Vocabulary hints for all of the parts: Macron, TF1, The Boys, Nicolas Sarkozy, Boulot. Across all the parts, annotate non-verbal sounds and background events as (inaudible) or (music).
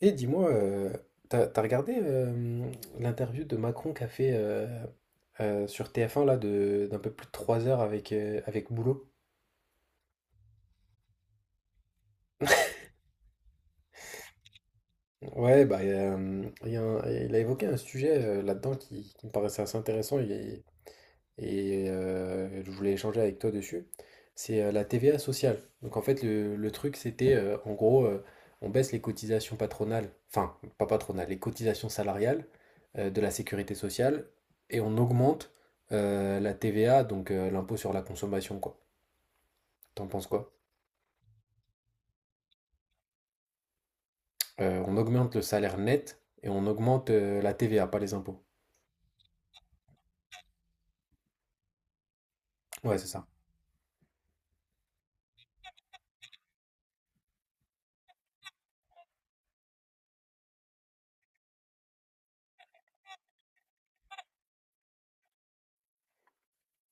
Et dis-moi, t'as regardé l'interview de Macron qu'a fait sur TF1 là de d'un peu plus de 3 heures avec, avec Boulot? Ouais, bah, il y a il a évoqué un sujet là-dedans qui me paraissait assez intéressant. Je voulais échanger avec toi dessus, c'est la TVA sociale. Donc en fait, le truc, c'était en gros, on baisse les cotisations patronales, enfin, pas patronales, les cotisations salariales de la sécurité sociale et on augmente la TVA, donc l'impôt sur la consommation, quoi. T'en penses quoi? On augmente le salaire net et on augmente la TVA, pas les impôts. Ouais, c'est ça.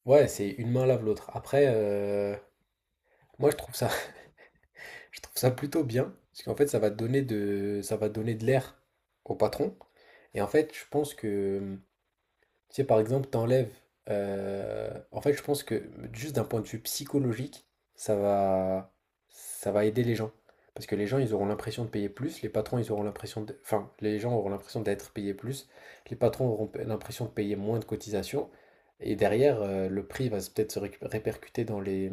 Ouais, c'est une main lave l'autre. Après, moi je trouve ça plutôt bien, parce qu'en fait, ça va donner de l'air au patron. Et en fait, je pense que tu sais, par exemple, t'enlèves. En fait, je pense que juste d'un point de vue psychologique, ça va, ça va aider les gens. Parce que les gens, ils auront l'impression de payer plus, les patrons, ils auront l'impression de... Enfin, les gens auront l'impression d'être payés plus, les patrons auront l'impression de payer moins de cotisations, et derrière, le prix va peut-être répercuter dans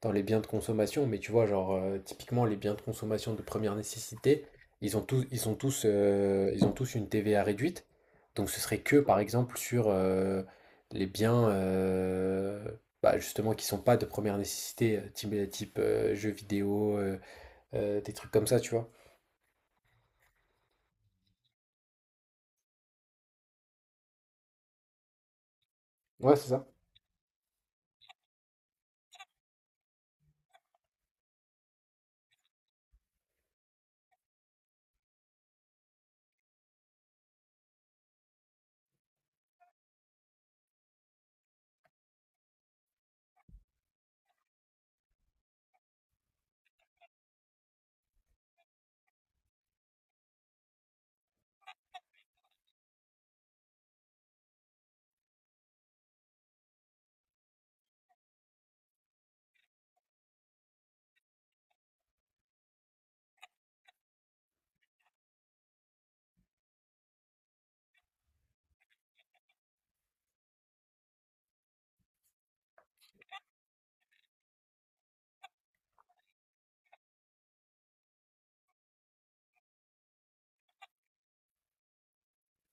dans les biens de consommation, mais tu vois, genre, typiquement, les biens de consommation de première nécessité, ils sont tous, ils ont tous une TVA réduite. Donc ce serait que par exemple sur, les biens, bah, justement qui sont pas de première nécessité, type, type, jeux vidéo, des trucs comme ça, tu vois? Ouais, c'est ça.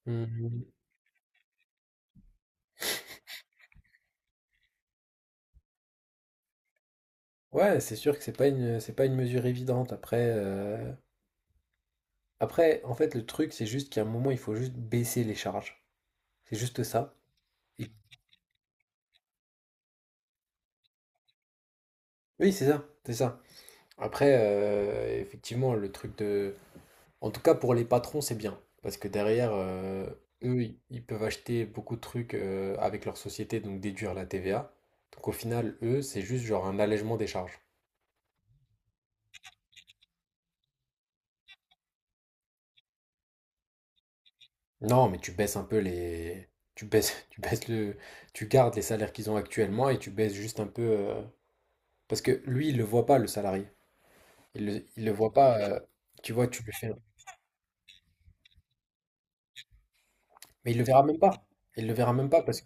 Mmh. Ouais, c'est sûr que c'est pas une mesure évidente. Après, après, en fait, le truc, c'est juste qu'à un moment, il faut juste baisser les charges. C'est juste ça. Et oui, c'est ça. Après, effectivement, le truc de... En tout cas, pour les patrons, c'est bien. Parce que derrière, eux, ils peuvent acheter beaucoup de trucs avec leur société, donc déduire la TVA. Donc au final, eux, c'est juste genre un allègement des charges. Non, mais tu baisses un peu les... Tu baisses, (laughs) tu baisses le... Tu gardes les salaires qu'ils ont actuellement et tu baisses juste un peu... Parce que lui, il le voit pas, le salarié. Il le voit pas. Tu vois, tu lui fais... Mais il le verra même pas. Il le verra même pas parce...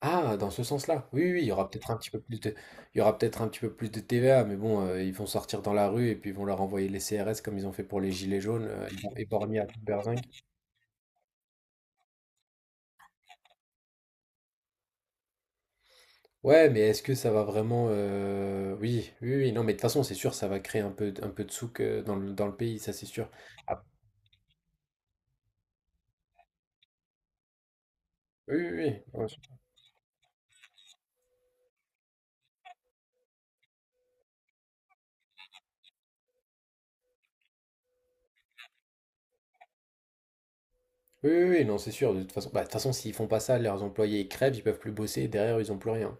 Ah, dans ce sens-là. Oui, oui, oui, il y aura peut-être un petit peu plus de, il y aura peut-être un petit peu plus de TVA, mais bon, ils vont sortir dans la rue et puis ils vont leur envoyer les CRS comme ils ont fait pour les gilets jaunes, ils vont éborgner à toute berzingue. Ouais, mais est-ce que ça va vraiment, oui, oui, oui, non, mais de toute façon, c'est sûr, ça va créer un peu de souk dans dans le pays, ça c'est sûr. Ah, oui, oui, oui, ouais, oui, oui, oui, non, c'est sûr. De toute façon, bah, de toute façon, s'ils font pas ça, leurs employés ils crèvent, ils peuvent plus bosser, et derrière ils ont plus rien.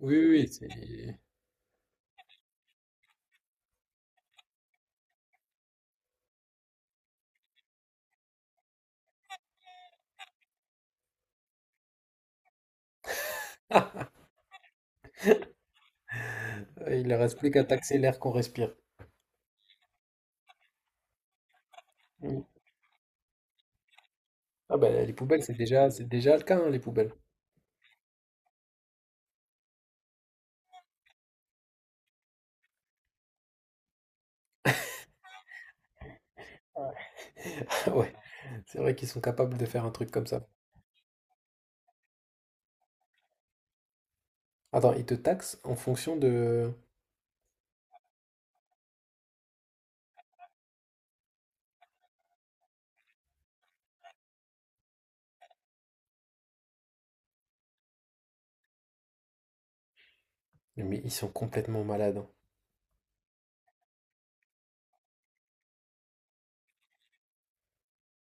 Oui, oui, oui, c'est... (laughs) il leur reste plus qu'à taxer l'air qu'on respire. Ah ben les poubelles, c'est déjà le cas, hein, les poubelles. Ouais. (laughs) Ouais, c'est vrai qu'ils sont capables de faire un truc comme ça. Attends, ils te taxent en fonction de... Mais ils sont complètement malades. Hein.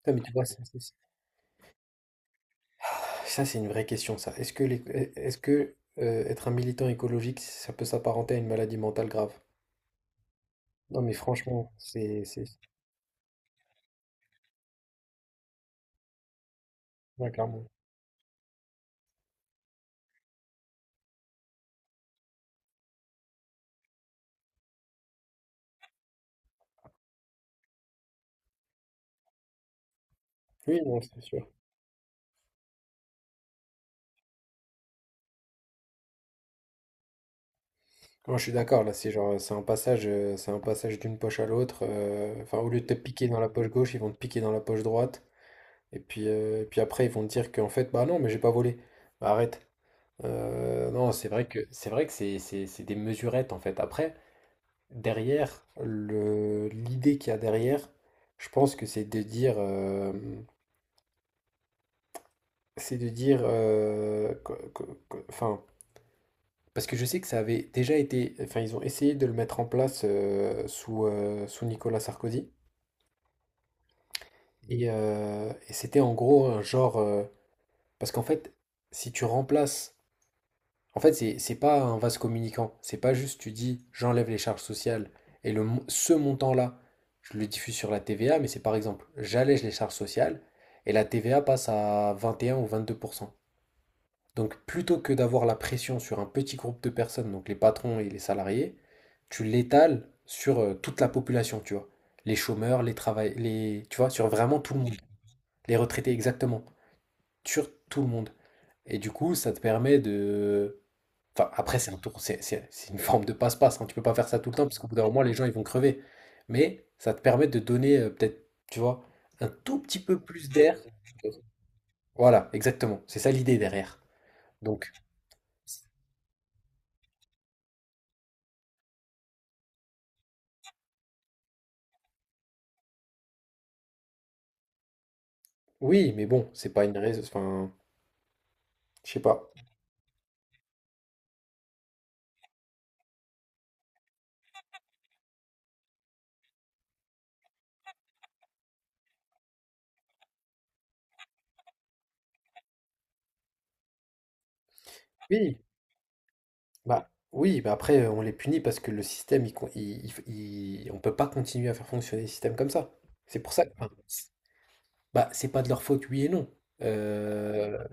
Ah, mais tu vois, ça, c'est une vraie question, ça. Est-ce que être un militant écologique, ça peut s'apparenter à une maladie mentale grave? Non, mais franchement, c'est... c'est... Ouais, clairement. Oui, non, c'est sûr. Moi, je suis d'accord, là, c'est genre, c'est un passage d'une poche à l'autre. Enfin, au lieu de te piquer dans la poche gauche, ils vont te piquer dans la poche droite. Et puis après, ils vont te dire qu'en fait, bah non, mais j'ai pas volé. Bah, arrête. Non, c'est vrai que c'est des mesurettes en fait. Après, derrière, l'idée qu'il y a derrière, je pense que c'est de dire, c'est de dire, euh, que- que- enfin, parce que je sais que ça avait déjà été, enfin, ils ont essayé de le mettre en place sous sous Nicolas Sarkozy. Et c'était en gros un genre, parce qu'en fait, si tu remplaces... En fait, c'est pas un vase communicant. C'est pas juste tu dis j'enlève les charges sociales et ce montant-là, je le diffuse sur la TVA, mais c'est par exemple j'allège les charges sociales et la TVA passe à 21 ou 22%. Donc plutôt que d'avoir la pression sur un petit groupe de personnes, donc les patrons et les salariés, tu l'étales sur toute la population, tu vois. Les chômeurs, les travail, les, tu vois, sur vraiment tout le monde. Les retraités, exactement. Sur tout le monde. Et du coup, ça te permet de... Enfin, après, c'est un tour, c'est une forme de passe-passe. Hein. Tu peux pas faire ça tout le temps, parce qu'au bout d'un moment, les gens, ils vont crever. Mais ça te permet de donner, peut-être, tu vois, un tout petit peu plus d'air. Voilà, exactement. C'est ça l'idée derrière. Donc, oui, mais bon, c'est pas une raison. Enfin, je sais pas. Oui, oui, bah après, on les punit parce que le système, il, con- il- on peut pas continuer à faire fonctionner le système comme ça. C'est pour ça que, bah, c'est pas de leur faute, oui et non. Euh,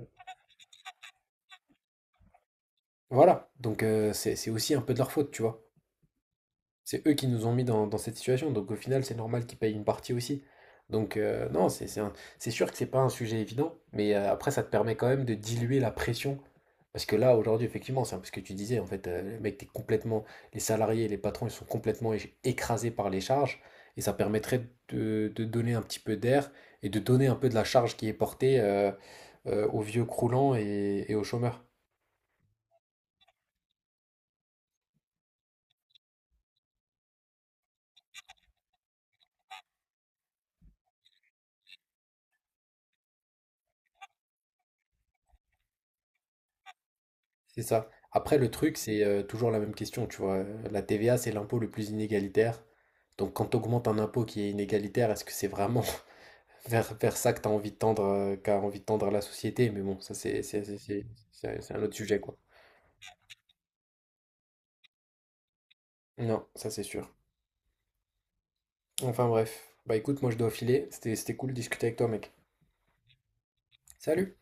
voilà. Donc, c'est aussi un peu de leur faute, tu vois. C'est eux qui nous ont mis dans, dans cette situation, donc au final, c'est normal qu'ils payent une partie aussi. Donc non, c'est sûr que c'est pas un sujet évident, mais après, ça te permet quand même de diluer la pression. Parce que là, aujourd'hui, effectivement, c'est un peu ce que tu disais, en fait, les mecs, t'es complètement, les salariés et les patrons, ils sont complètement écrasés par les charges, et ça permettrait de donner un petit peu d'air et de donner un peu de la charge qui est portée aux vieux croulants et aux chômeurs. C'est ça. Après, le truc, c'est toujours la même question, tu vois. La TVA, c'est l'impôt le plus inégalitaire. Donc, quand tu augmentes un impôt qui est inégalitaire, est-ce que c'est vraiment (laughs) vers ça que tu as envie de tendre, qu'a envie de tendre la société? Mais bon, ça, c'est un autre sujet, quoi. Non, ça, c'est sûr. Enfin, bref. Bah, écoute, moi, je dois filer. C'était cool de discuter avec toi, mec. Salut!